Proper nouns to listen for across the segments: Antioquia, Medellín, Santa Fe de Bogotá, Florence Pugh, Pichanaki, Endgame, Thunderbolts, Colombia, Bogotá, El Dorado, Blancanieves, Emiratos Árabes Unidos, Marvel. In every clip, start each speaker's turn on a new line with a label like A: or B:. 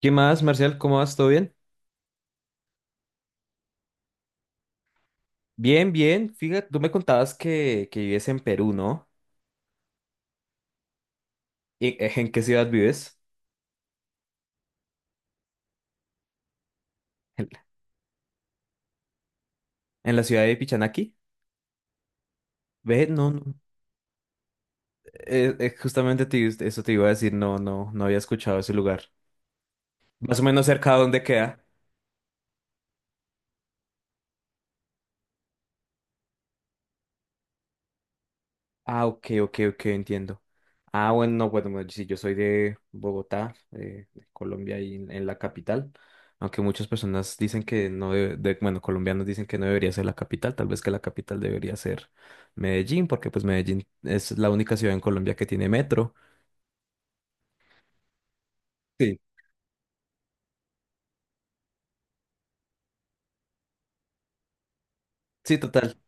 A: ¿Qué más, Marcial? ¿Cómo vas? ¿Todo bien? Bien, bien. Fíjate, tú me contabas que vives en Perú, ¿no? ¿En qué ciudad vives? ¿En en la ciudad de Pichanaki? Ve, no, no. Justamente eso te iba a decir, no, no, no había escuchado ese lugar. Más o menos cerca de dónde queda. Ah, ok, ok, ok, entiendo. Ah, bueno, no, bueno, bueno, sí, yo soy de Bogotá, de Colombia y en la capital, aunque muchas personas dicen que no, de, bueno, colombianos dicen que no debería ser la capital, tal vez que la capital debería ser Medellín, porque pues Medellín es la única ciudad en Colombia que tiene metro. Sí. Sí, total.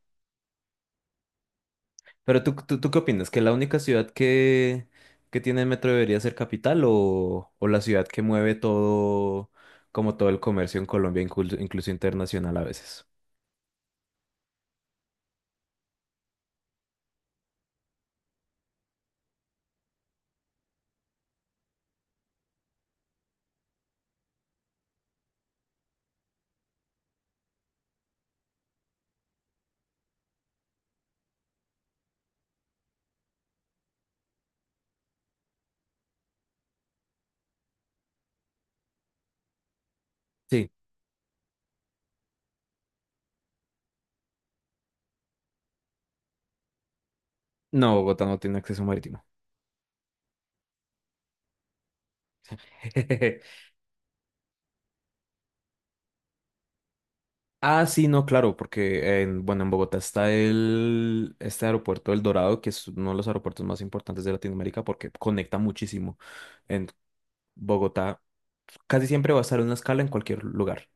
A: Pero ¿tú qué opinas? ¿Que la única ciudad que tiene metro debería ser capital o la ciudad que mueve todo, como todo el comercio en Colombia, incluso internacional a veces? Sí, no, Bogotá no tiene acceso marítimo. Ah, sí, no, claro, porque bueno, en Bogotá está este aeropuerto El Dorado, que es uno de los aeropuertos más importantes de Latinoamérica porque conecta muchísimo. En Bogotá casi siempre va a estar una escala en cualquier lugar.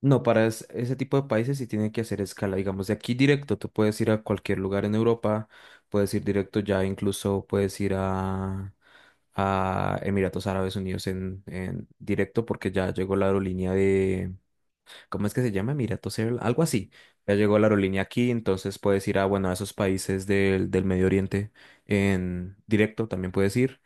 A: No, para ese tipo de países sí tienen que hacer escala, digamos, de aquí directo, tú puedes ir a cualquier lugar en Europa, puedes ir directo ya, incluso puedes ir a Emiratos Árabes Unidos en directo porque ya llegó la aerolínea ¿cómo es que se llama? Emiratos Air, algo así, ya llegó la aerolínea aquí, entonces puedes ir bueno, a esos países del Medio Oriente en directo, también puedes ir.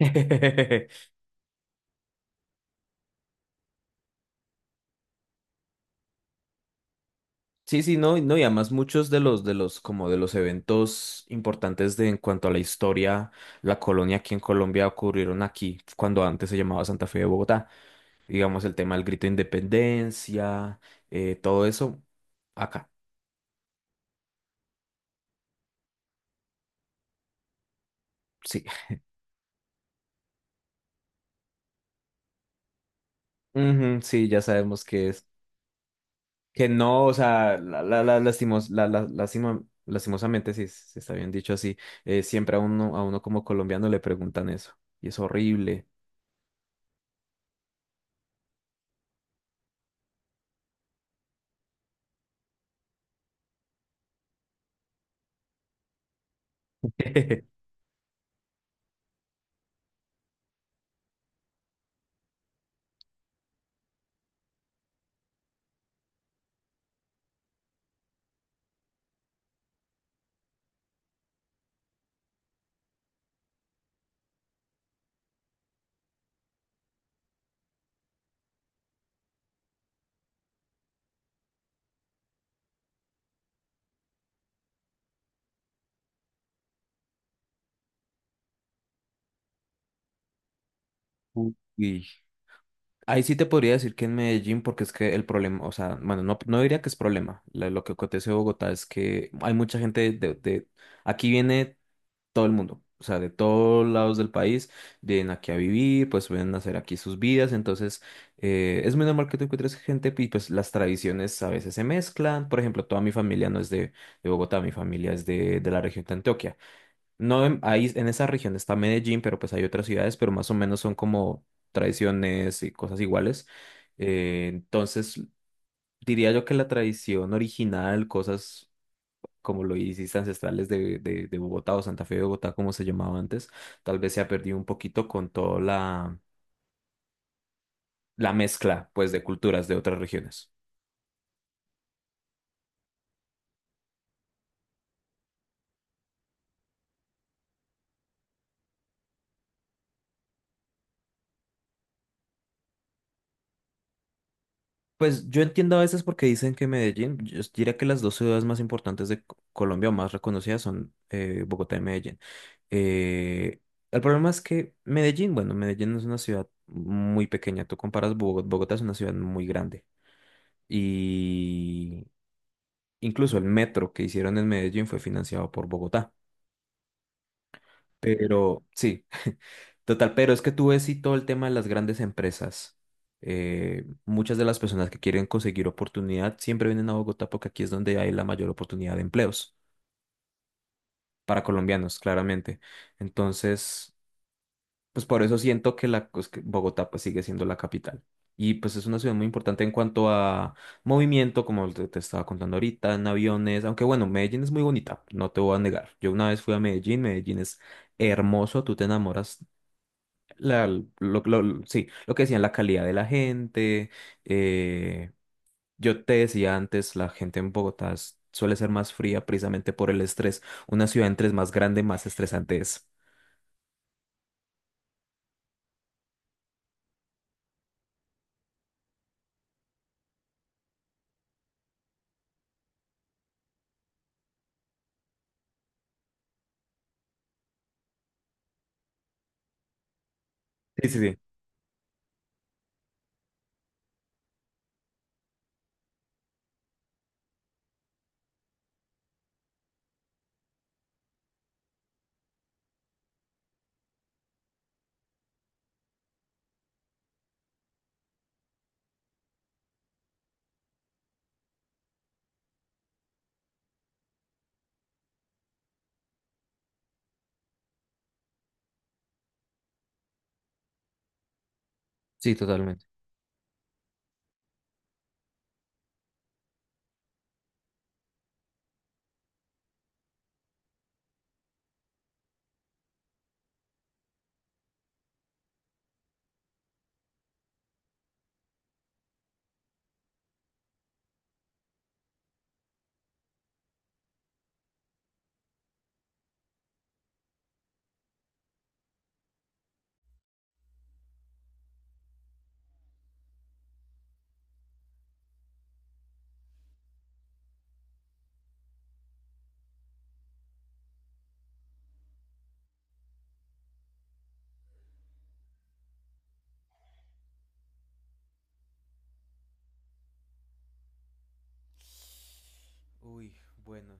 A: Sí, sí, no, no, y además muchos como de los eventos importantes en cuanto a la historia, la colonia aquí en Colombia ocurrieron aquí, cuando antes se llamaba Santa Fe de Bogotá. Digamos, el tema del grito de independencia, todo eso, acá, sí. Ujú, sí, ya sabemos que es, que no, o sea, la, lastimos, la- lastima- lastimosamente, si se está bien dicho así, siempre a uno como colombiano le preguntan eso, y es horrible. Uy. Ahí sí te podría decir que en Medellín, porque es que el problema, o sea, bueno, no, no diría que es problema. Lo que acontece en Bogotá es que hay mucha gente. Aquí viene todo el mundo, o sea, de todos lados del país, vienen aquí a vivir, pues vienen a hacer aquí sus vidas. Entonces, es muy normal que tú encuentres gente y pues las tradiciones a veces se mezclan. Por ejemplo, toda mi familia no es de Bogotá, mi familia es de la región de Antioquia. No, ahí en esa región está Medellín, pero pues hay otras ciudades, pero más o menos son como tradiciones y cosas iguales. Entonces, diría yo que la tradición original, cosas como lo hiciste ancestrales de Bogotá o Santa Fe de Bogotá, como se llamaba antes, tal vez se ha perdido un poquito con toda la mezcla, pues, de culturas de otras regiones. Pues yo entiendo a veces porque dicen que Medellín, yo diría que las dos ciudades más importantes de Colombia o más reconocidas son Bogotá y Medellín. Eh, el problema es que Medellín, bueno, Medellín es una ciudad muy pequeña. Tú comparas Bogotá. Bogotá es una ciudad muy grande. Y incluso el metro que hicieron en Medellín fue financiado por Bogotá. Pero sí, total, pero es que tú ves y todo el tema de las grandes empresas. Muchas de las personas que quieren conseguir oportunidad siempre vienen a Bogotá porque aquí es donde hay la mayor oportunidad de empleos para colombianos, claramente. Entonces, pues por eso siento que la pues, que Bogotá pues sigue siendo la capital. Y pues es una ciudad muy importante en cuanto a movimiento, como te estaba contando ahorita, en aviones, aunque bueno, Medellín es muy bonita, no te voy a negar. Yo una vez fui a Medellín. Medellín es hermoso, tú te enamoras. Sí, lo que decían, la calidad de la gente. eh, yo te decía antes, la gente en Bogotá suele ser más fría precisamente por el estrés. Una ciudad entre es más grande, más estresante es. Sí, sí, sí. Sí, totalmente. Uy, bueno.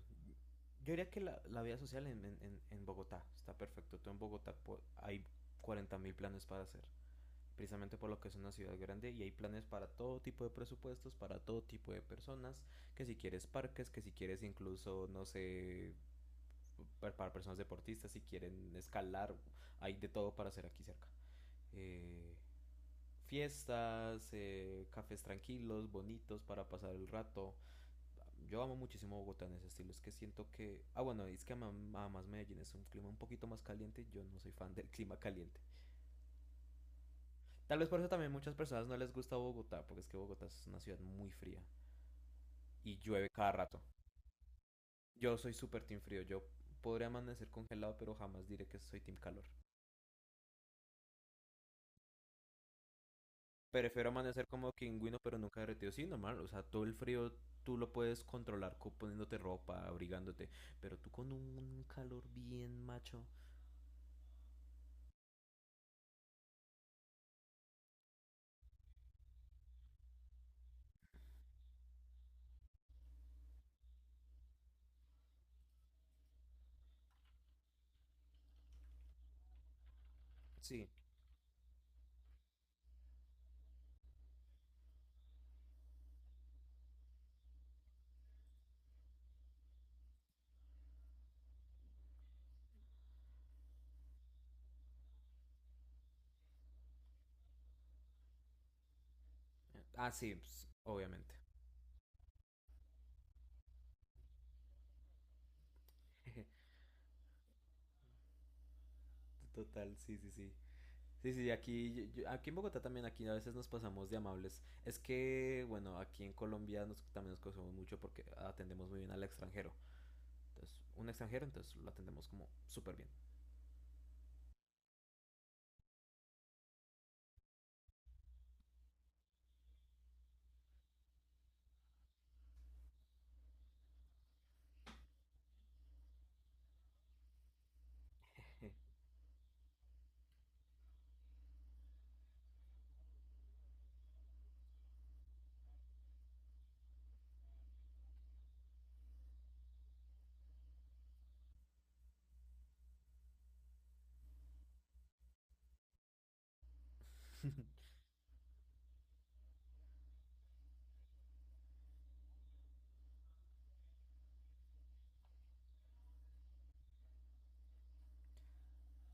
A: Yo diría que la vida social en Bogotá está perfecto. Tú en Bogotá hay 40.000 planes para hacer. Precisamente por lo que es una ciudad grande y hay planes para todo tipo de presupuestos, para todo tipo de personas, que si quieres parques, que si quieres incluso, no sé, para personas deportistas, si quieren escalar, hay de todo para hacer aquí cerca. Eh, fiestas, cafés tranquilos, bonitos para pasar el rato. Yo amo muchísimo Bogotá en ese estilo, es que siento que. Ah, bueno, es que además Medellín es un clima un poquito más caliente, yo no soy fan del clima caliente. Tal vez por eso también muchas personas no les gusta Bogotá, porque es que Bogotá es una ciudad muy fría y llueve cada rato. Yo soy súper team frío, yo podría amanecer congelado, pero jamás diré que soy team calor. Prefiero amanecer como pingüino, pero nunca derretido. Sí, normal, o sea, todo el frío tú lo puedes controlar poniéndote ropa, abrigándote, pero tú con un calor bien macho. Sí. Ah, sí, pues, obviamente. Total, sí, sí, sí. Sí, sí, aquí, aquí en Bogotá también, aquí a veces nos pasamos de amables. Es que, bueno, aquí en Colombia también nos conocemos mucho porque atendemos muy bien al extranjero. Entonces, un extranjero, entonces lo atendemos como súper bien.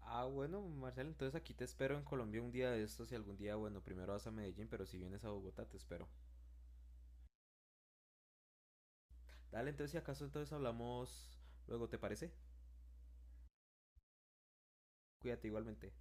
A: Ah, bueno, Marcel, entonces aquí te espero en Colombia un día de estos y algún día, bueno, primero vas a Medellín, pero si vienes a Bogotá te espero. Dale, entonces si acaso entonces hablamos luego, ¿te parece? Cuídate igualmente.